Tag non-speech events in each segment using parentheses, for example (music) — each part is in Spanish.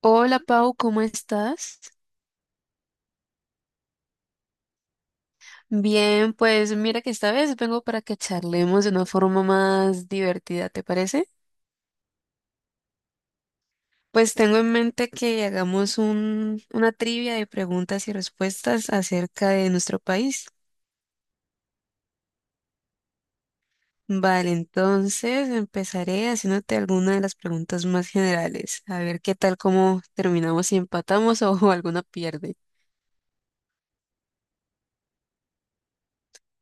Hola Pau, ¿cómo estás? Bien, pues mira que esta vez vengo para que charlemos de una forma más divertida, ¿te parece? Pues tengo en mente que hagamos una trivia de preguntas y respuestas acerca de nuestro país. Vale, entonces empezaré haciéndote alguna de las preguntas más generales. A ver qué tal, cómo terminamos, si empatamos o (laughs) alguna pierde.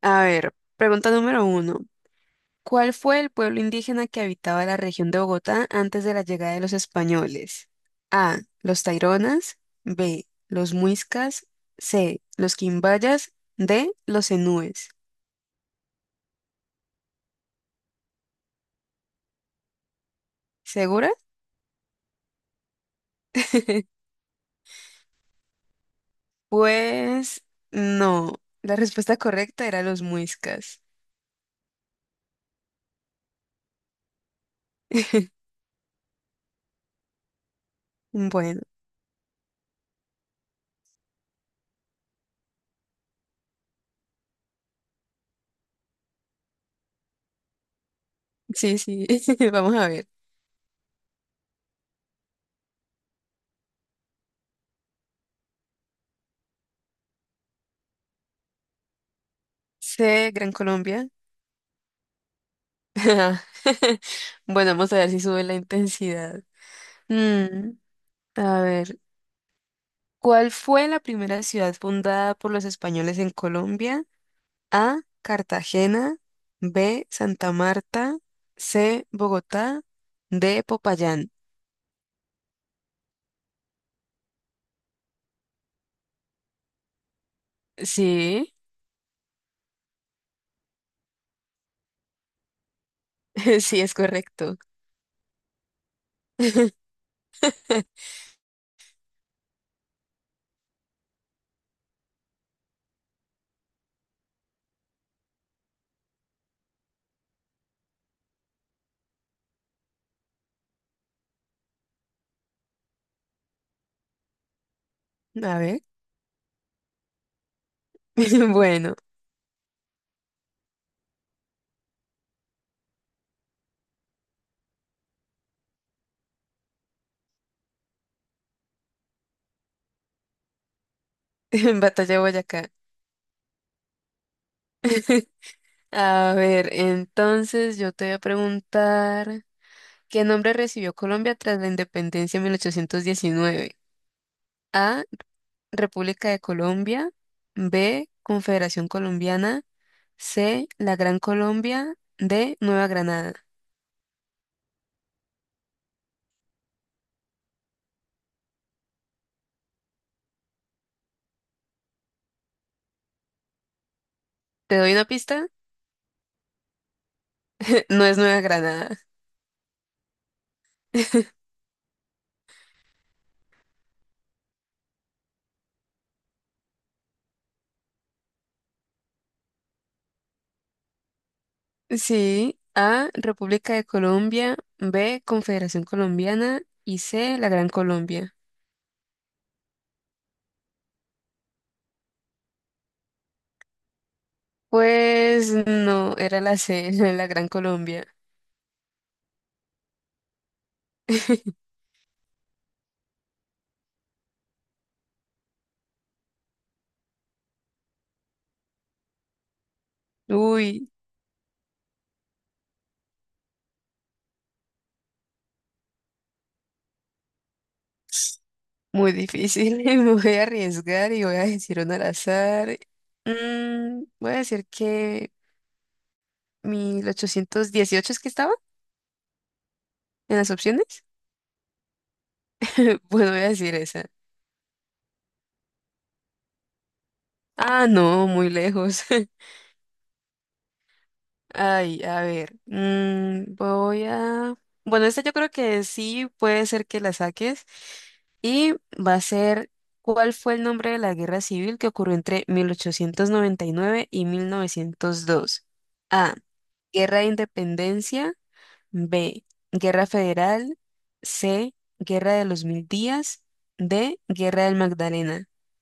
A ver, pregunta número uno. ¿Cuál fue el pueblo indígena que habitaba la región de Bogotá antes de la llegada de los españoles? A. Los Taironas. B. Los Muiscas. C. Los Quimbayas. D. Los Enúes. ¿Segura? (laughs) Pues no. La respuesta correcta era los Muiscas. (laughs) Bueno, sí, sí. (laughs) Vamos a ver. C. Gran Colombia. (laughs) Bueno, vamos a ver si sube la intensidad. Mm, a ver. ¿Cuál fue la primera ciudad fundada por los españoles en Colombia? A. Cartagena. B. Santa Marta. C. Bogotá. D. Popayán. Sí, (laughs) sí es correcto. (laughs) A ver, (laughs) bueno, (laughs) en Batalla de Boyacá. A ver, entonces yo te voy a preguntar, ¿qué nombre recibió Colombia tras la independencia en 1819? A, República de Colombia. B, Confederación Colombiana. C, la Gran Colombia. D, Nueva Granada. ¿Te doy una pista? (laughs) No es Nueva Granada. (laughs) Sí. A, República de Colombia. B, Confederación Colombiana. Y C, la Gran Colombia. Pues no, era la C, (laughs) la Gran Colombia. (laughs) Uy, muy difícil, (laughs) me voy a arriesgar y voy a decir un al azar. Voy a decir que 1818 es que estaba en las opciones. (laughs) Bueno, voy a decir esa. Ah, no, muy lejos. (laughs) Ay, a ver, voy a... Bueno, esta yo creo que sí puede ser que la saques. Y va a ser, ¿cuál fue el nombre de la guerra civil que ocurrió entre 1899 y 1902? A. Guerra de Independencia. B. Guerra Federal. C. Guerra de los Mil Días. D. Guerra del Magdalena. (laughs)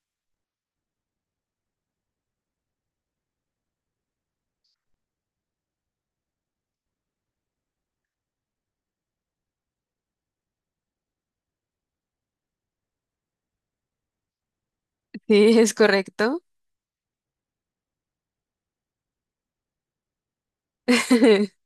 Sí, es correcto. (laughs)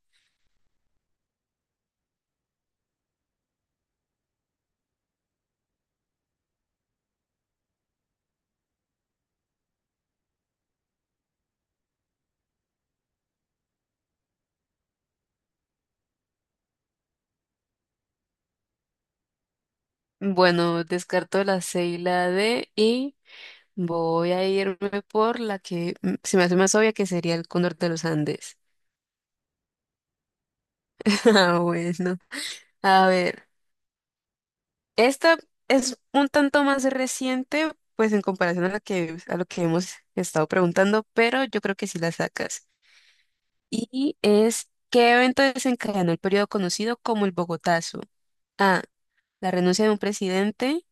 Bueno, descarto la C y la D y voy a irme por la que se me hace más obvia, que sería el cóndor de los Andes. (laughs) Ah, bueno. A ver, esta es un tanto más reciente, pues en comparación a la que, a lo que hemos estado preguntando, pero yo creo que sí la sacas. Y es, ¿qué evento desencadenó el periodo conocido como el Bogotazo? A, la renuncia de un presidente.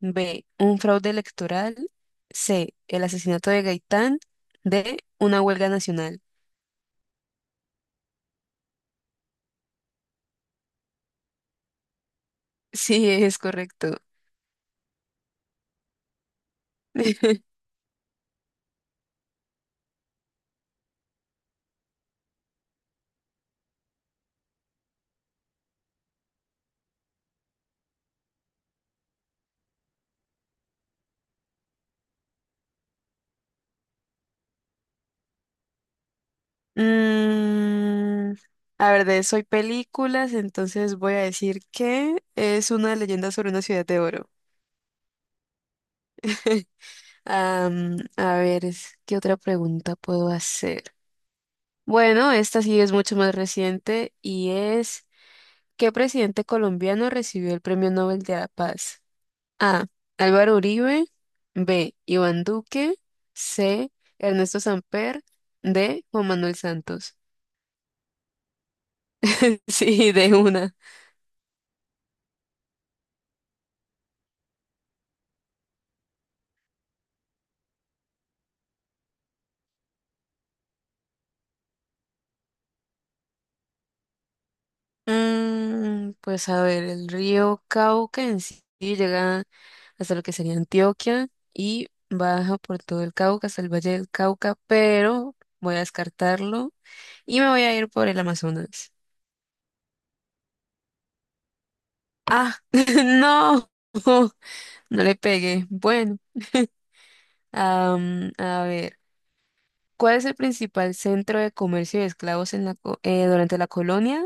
B. Un fraude electoral. C. El asesinato de Gaitán. D. Una huelga nacional. (laughs) Sí, es correcto. (laughs) Mm, a ver, de eso hay películas, entonces voy a decir que es una leyenda sobre una ciudad de oro. (laughs) Am, a ver, ¿qué otra pregunta puedo hacer? Bueno, esta sí es mucho más reciente y es, ¿qué presidente colombiano recibió el Premio Nobel de la Paz? A. Álvaro Uribe. B. Iván Duque. C. Ernesto Samper. D. Juan Manuel Santos. (laughs) Sí, de una. Mm, pues a ver, el río Cauca en sí llega hasta lo que sería Antioquia y baja por todo el Cauca hasta el Valle del Cauca, pero voy a descartarlo y me voy a ir por el Amazonas. Ah, (laughs) no, no le pegué. Bueno, am, a ver. ¿Cuál es el principal centro de comercio de esclavos en durante la colonia?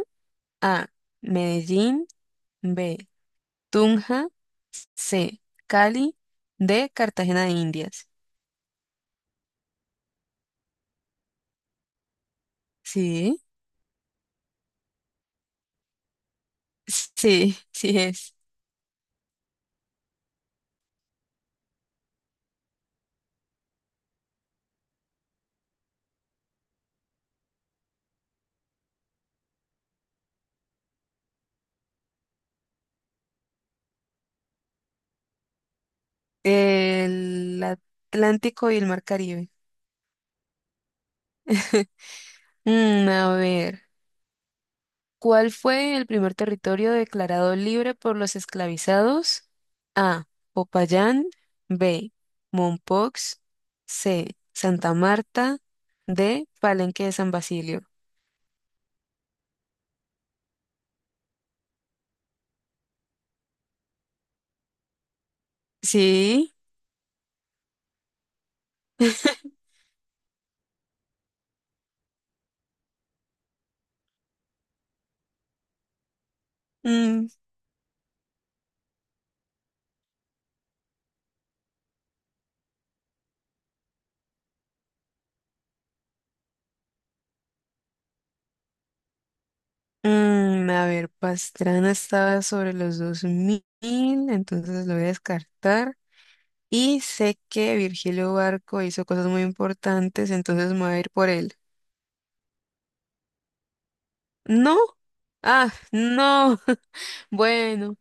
A. Medellín. B. Tunja. C. Cali. D. Cartagena de Indias. Sí, sí, (laughs) sí es. El Atlántico y el Mar Caribe. (laughs) Mm, a ver. ¿Cuál fue el primer territorio declarado libre por los esclavizados? A. Popayán. B. Mompox. C. Santa Marta. D. Palenque de San Basilio. Sí. (laughs) Mm, a ver, Pastrana estaba sobre los 2000, entonces lo voy a descartar. Y sé que Virgilio Barco hizo cosas muy importantes, entonces me voy a ir por él. ¿No? Ah, no. (laughs) Bueno.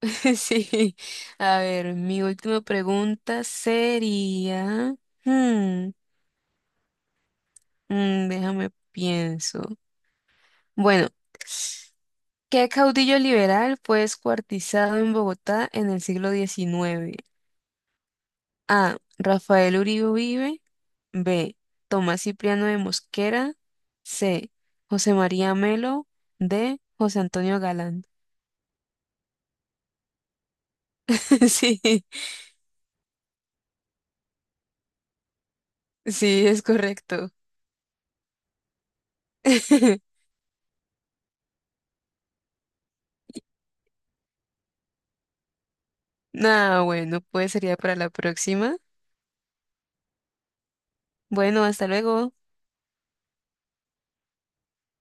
(laughs) Sí. A ver, mi última pregunta sería, hmm, déjame pienso. Bueno, ¿qué caudillo liberal fue descuartizado en Bogotá en el siglo XIX? A. Rafael Uribe Uribe. B. Tomás Cipriano de Mosquera. C. José María Melo. D. José Antonio Galán. (laughs) Sí, sí, es correcto. (laughs) Ah, bueno, pues sería para la próxima. Bueno, hasta luego.